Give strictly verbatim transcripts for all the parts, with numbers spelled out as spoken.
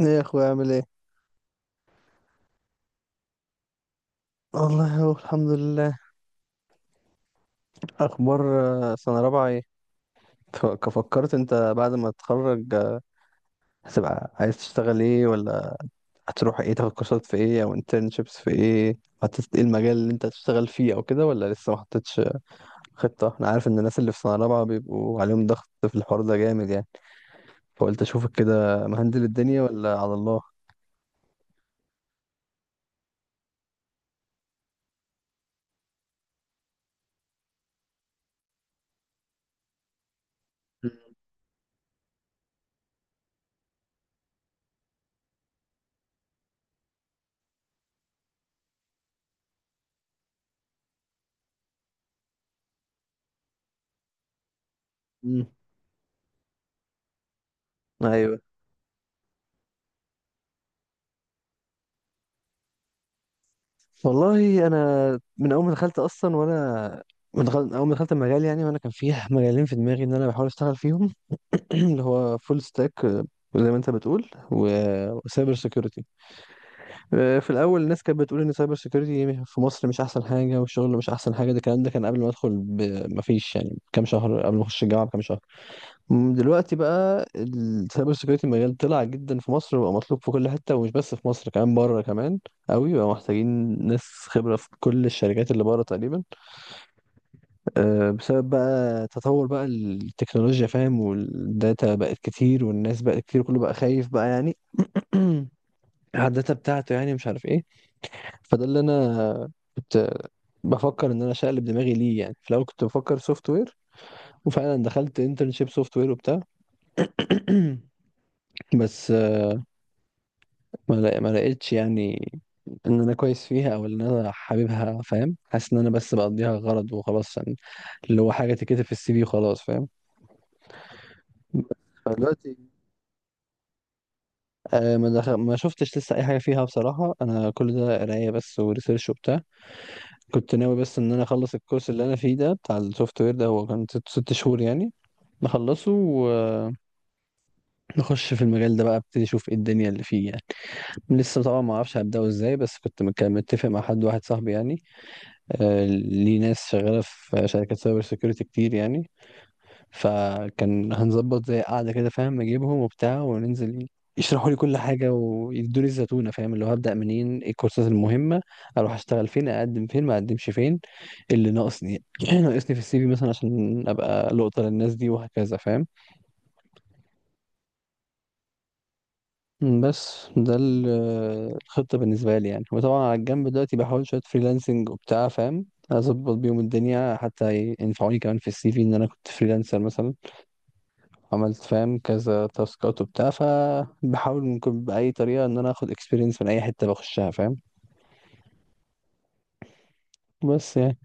ايه يا اخويا، عامل ايه؟ والله، هو الحمد لله. اخبار؟ آه، سنه رابعه ايه؟ ف- فكرت انت بعد ما تتخرج آه، هتبقى عايز تشتغل ايه، ولا هتروح ايه، تاخد كورسات في ايه او انترنشيبس في ايه؟ حطيت ايه المجال اللي انت هتشتغل فيه او كده، ولا لسه ما حطيتش خطه؟ انا عارف ان الناس اللي في سنه رابعه بيبقوا عليهم ضغط في الحوار ده جامد يعني، فقلت اشوفك كده مهندل الدنيا ولا على الله. مم. ايوه. والله، انا من اول ما دخلت اصلا وانا من دخل... اول ما دخلت المجال يعني، وانا كان فيه مجالين في دماغي ان انا بحاول اشتغل فيهم. اللي هو فول ستاك، زي ما انت بتقول، و- وسايبر سيكيورتي. آه، في الاول الناس كانت بتقول ان سايبر سيكيورتي في مصر مش احسن حاجه، والشغل مش احسن حاجه. ده الكلام ده كان قبل ما ادخل ب... ما فيش يعني كام شهر، قبل ما اخش الجامعه بكام شهر. مم، دلوقتي بقى السايبر سيكيورتي مجال طلع جدا في مصر، وبقى مطلوب في كل حته، ومش بس في مصر، كمان بره كمان قوي. بقى محتاجين ناس خبره في كل الشركات اللي بره تقريبا، آه، بسبب بقى تطور بقى التكنولوجيا، فاهم، والداتا بقت كتير، والناس بقت كتير، كله بقى خايف بقى يعني، على الداتا بتاعته، يعني مش عارف ايه. فده اللي انا كنت بفكر ان انا اشقلب دماغي ليه. يعني في الاول كنت بفكر سوفت وير، وفعلا دخلت انترنشيب سوفت وير وبتاع. بس ما لا- ما لقيتش يعني ان انا كويس فيها، او ان انا حاببها، فاهم. حاسس ان انا بس بقضيها غرض وخلاص يعني، اللي هو حاجه تتكتب في السي في وخلاص، فاهم. فدلوقتي آه ما دخل ما شفتش لسه اي حاجه فيها بصراحه، انا كل ده قرايه بس وريسيرش وبتاع. كنت ناوي بس ان انا اخلص الكورس اللي انا فيه ده، بتاع السوفت وير ده، هو كان ست ست شهور يعني، نخلصه ونخش في المجال ده بقى، ابتدي اشوف ايه الدنيا اللي فيه يعني. لسه طبعا ما اعرفش هبداه ازاي، بس كنت مك- متفق مع حد واحد صاحبي يعني، آه، ليه ناس شغالة في شركات سايبر سيكيورتي كتير يعني. فكان هنظبط زي قعدة كده، فاهم، اجيبهم وبتاع وننزل يشرحوا لي كل حاجة، ويدوني الزتونة، فاهم، اللي هو هبدأ منين، ايه الكورسات المهمة، اروح اشتغل فين، اقدم فين ما اقدمش فين، اللي ناقصني ناقصني في السي في مثلا، عشان ابقى لقطة للناس دي، وهكذا فاهم. بس ده ال- الخطة بالنسبة لي يعني. وطبعا على الجنب دلوقتي بحاول شوية فريلانسنج وبتاع، فاهم، أظبط بيهم الدنيا، حتى ينفعوني كمان في السي في، إن أنا كنت فريلانسر مثلا، عملت فاهم كذا تاسكات وبتاع. فبحاول ممكن بأي طريقة إن أنا آخد إكسبيرينس من أي حتة بخشها، فاهم. بس يعني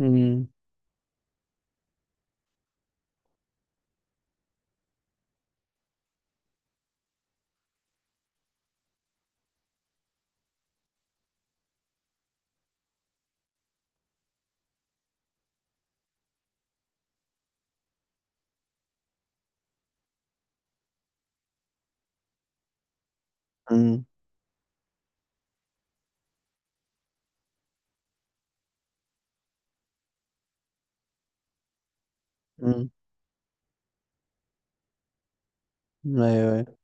أمم. أمم. أمم. أيوه، أيوه.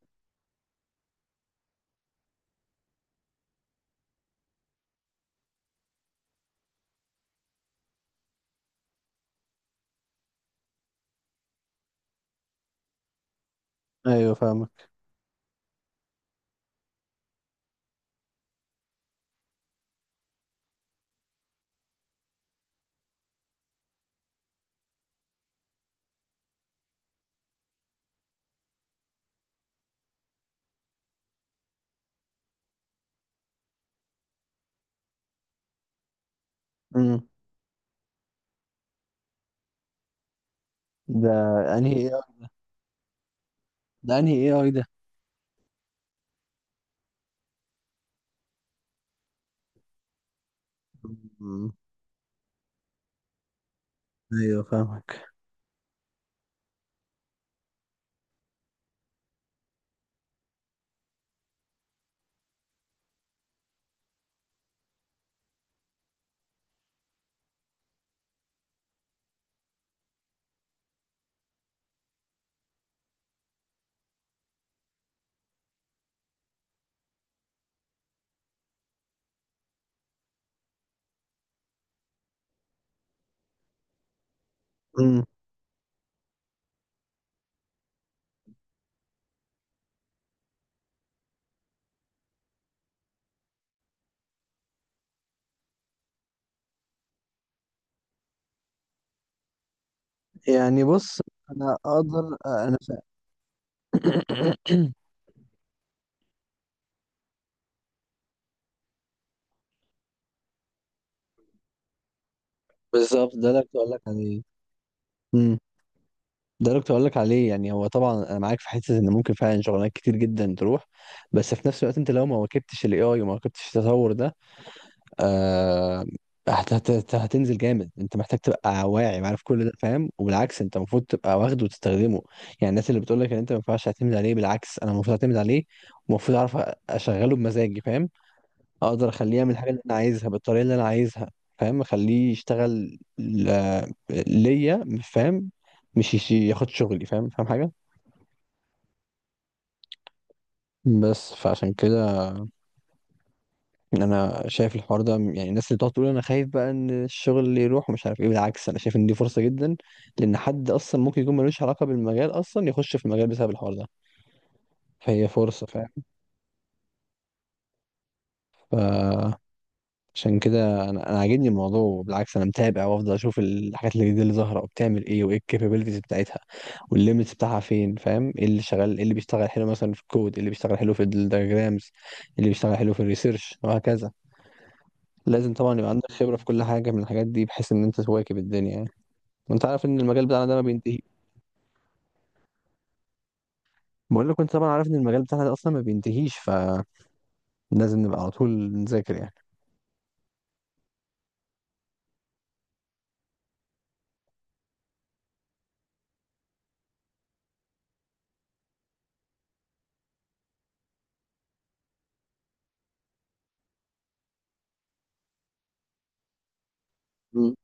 أيوه، فاهمك. أمم. ده أنهي إيه آي؟ ده أنهي إيه أي ده؟ أمم. أيوه، فاهمك. أمم. يعني بص، انا اقدر انا. بالظبط، ده اللي كنت اقول لك عليه. امم. ده اللي كنت اقول لك عليه يعني. هو طبعا انا معاك في حته ان ممكن فعلا شغلانات كتير جدا تروح، بس في نفس الوقت انت لو ما واكبتش الاي اي وما واكبتش التطور ده، آه هت- هت- هت- هتنزل جامد. انت محتاج تبقى واعي وعارف كل ده، فاهم، وبالعكس انت المفروض تبقى واخده وتستخدمه. يعني الناس اللي بتقول لك ان انت ما ينفعش تعتمد عليه، بالعكس انا المفروض اعتمد عليه، ومفروض اعرف اشغله بمزاجي، فاهم، اقدر اخليه يعمل الحاجه اللي انا عايزها بالطريقه اللي انا عايزها، فاهم. اخليه يشتغل ل- ليا، فاهم، مش يش- ياخد شغلي، فاهم فاهم حاجه. بس فعشان كده انا شايف الحوار ده يعني، الناس اللي بتقعد تقول انا خايف بقى ان الشغل اللي يروح ومش عارف ايه، بالعكس انا شايف ان دي فرصه جدا، لان حد اصلا ممكن يكون ملوش علاقه بالمجال اصلا يخش في المجال بسبب الحوار ده. فهي فرصه، فاهم. ف عشان كده انا انا عاجبني الموضوع. بالعكس، انا متابع وافضل اشوف الحاجات الجديده اللي ظاهره وبتعمل ايه، وايه الكابابيلتيز بتاعتها، والليميتس بتاعها فين، فاهم، ايه اللي شغال، ايه اللي بيشتغل حلو مثلا في الكود، ايه اللي بيشتغل حلو في الدياجرامز، اللي بيشتغل حلو في الريسيرش، وهكذا. لازم طبعا يبقى عندك خبره في كل حاجه من الحاجات دي، بحيث ان انت تواكب الدنيا يعني. وانت عارف ان المجال بتاعنا ده ما بينتهي. بقول لك، وانت طبعا عارف، ان المجال بتاعنا ده اصلا ما بينتهيش، فلازم نبقى على طول نذاكر يعني. مم.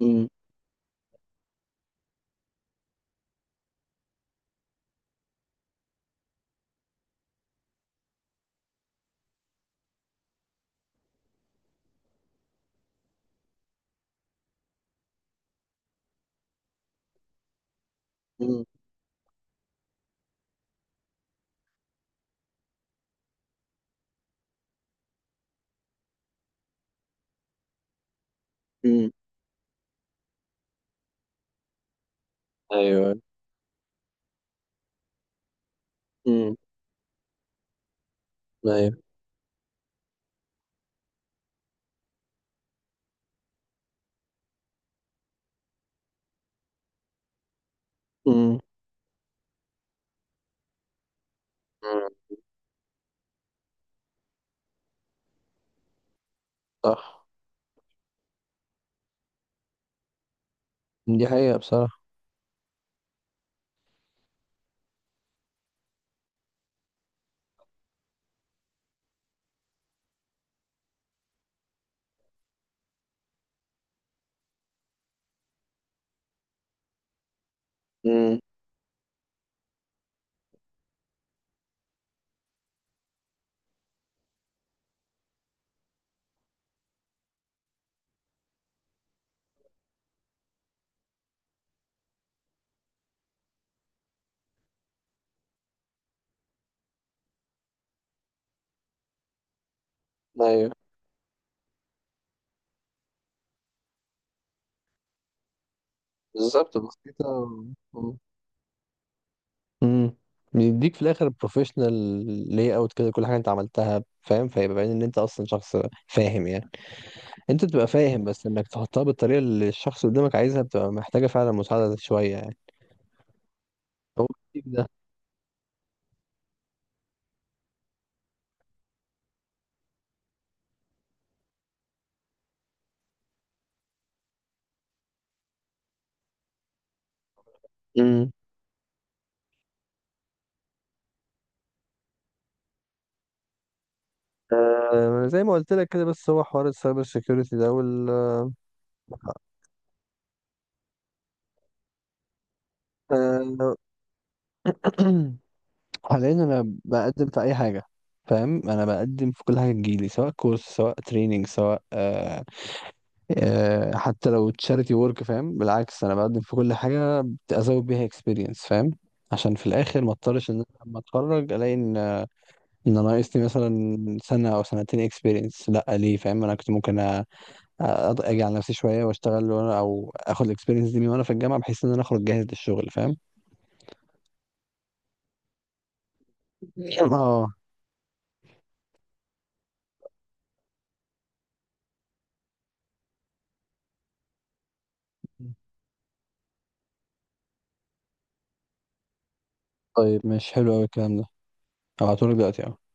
مم. مم. مم. ايوه. مم. ايوه. مم. مم. صح. دي حقيقة بصراحة. امم. ايوه. بالظبط، بسيطة. مم. امم. بيديك في الاخر بروفيشنال لاي اوت كده كل حاجه انت عملتها، فاهم، فيبقى باين ان انت اصلا شخص فاهم يعني، انت بتبقى فاهم، بس انك تحطها بالطريقه اللي الشخص اللي قدامك عايزها بتبقى محتاجه فعلا مساعده شويه يعني. هو التيك ده. امم. آه، زي ما قلت لك كده. بس هو حوار السايبر سيكيورتي ده وال آه، حاليا انا بقدم في اي حاجه، فاهم. انا بقدم في كل حاجه تجيلي، سواء كورس، سواء تريننج، سواء آه آه حتى لو تشاريتي ورك، فاهم. بالعكس، انا بقدم في كل حاجه ازود بيها اكسبيرينس، فاهم، عشان في الاخر ما اضطرش ان انا لما اتخرج الاقي ان ان انا ناقصني مثلا سنه او سنتين اكسبيرينس. لا ليه، فاهم؟ انا كنت ممكن أ- أ- اجي على نفسي شويه واشتغل وانا، او اخد الاكسبيرينس دي من وانا في الجامعه، بحيث ان انا اخرج جاهز للشغل، فاهم. اه. طيب، ماشي، حلو قوي الكلام ده. هبعتهولك دلوقتي أهو.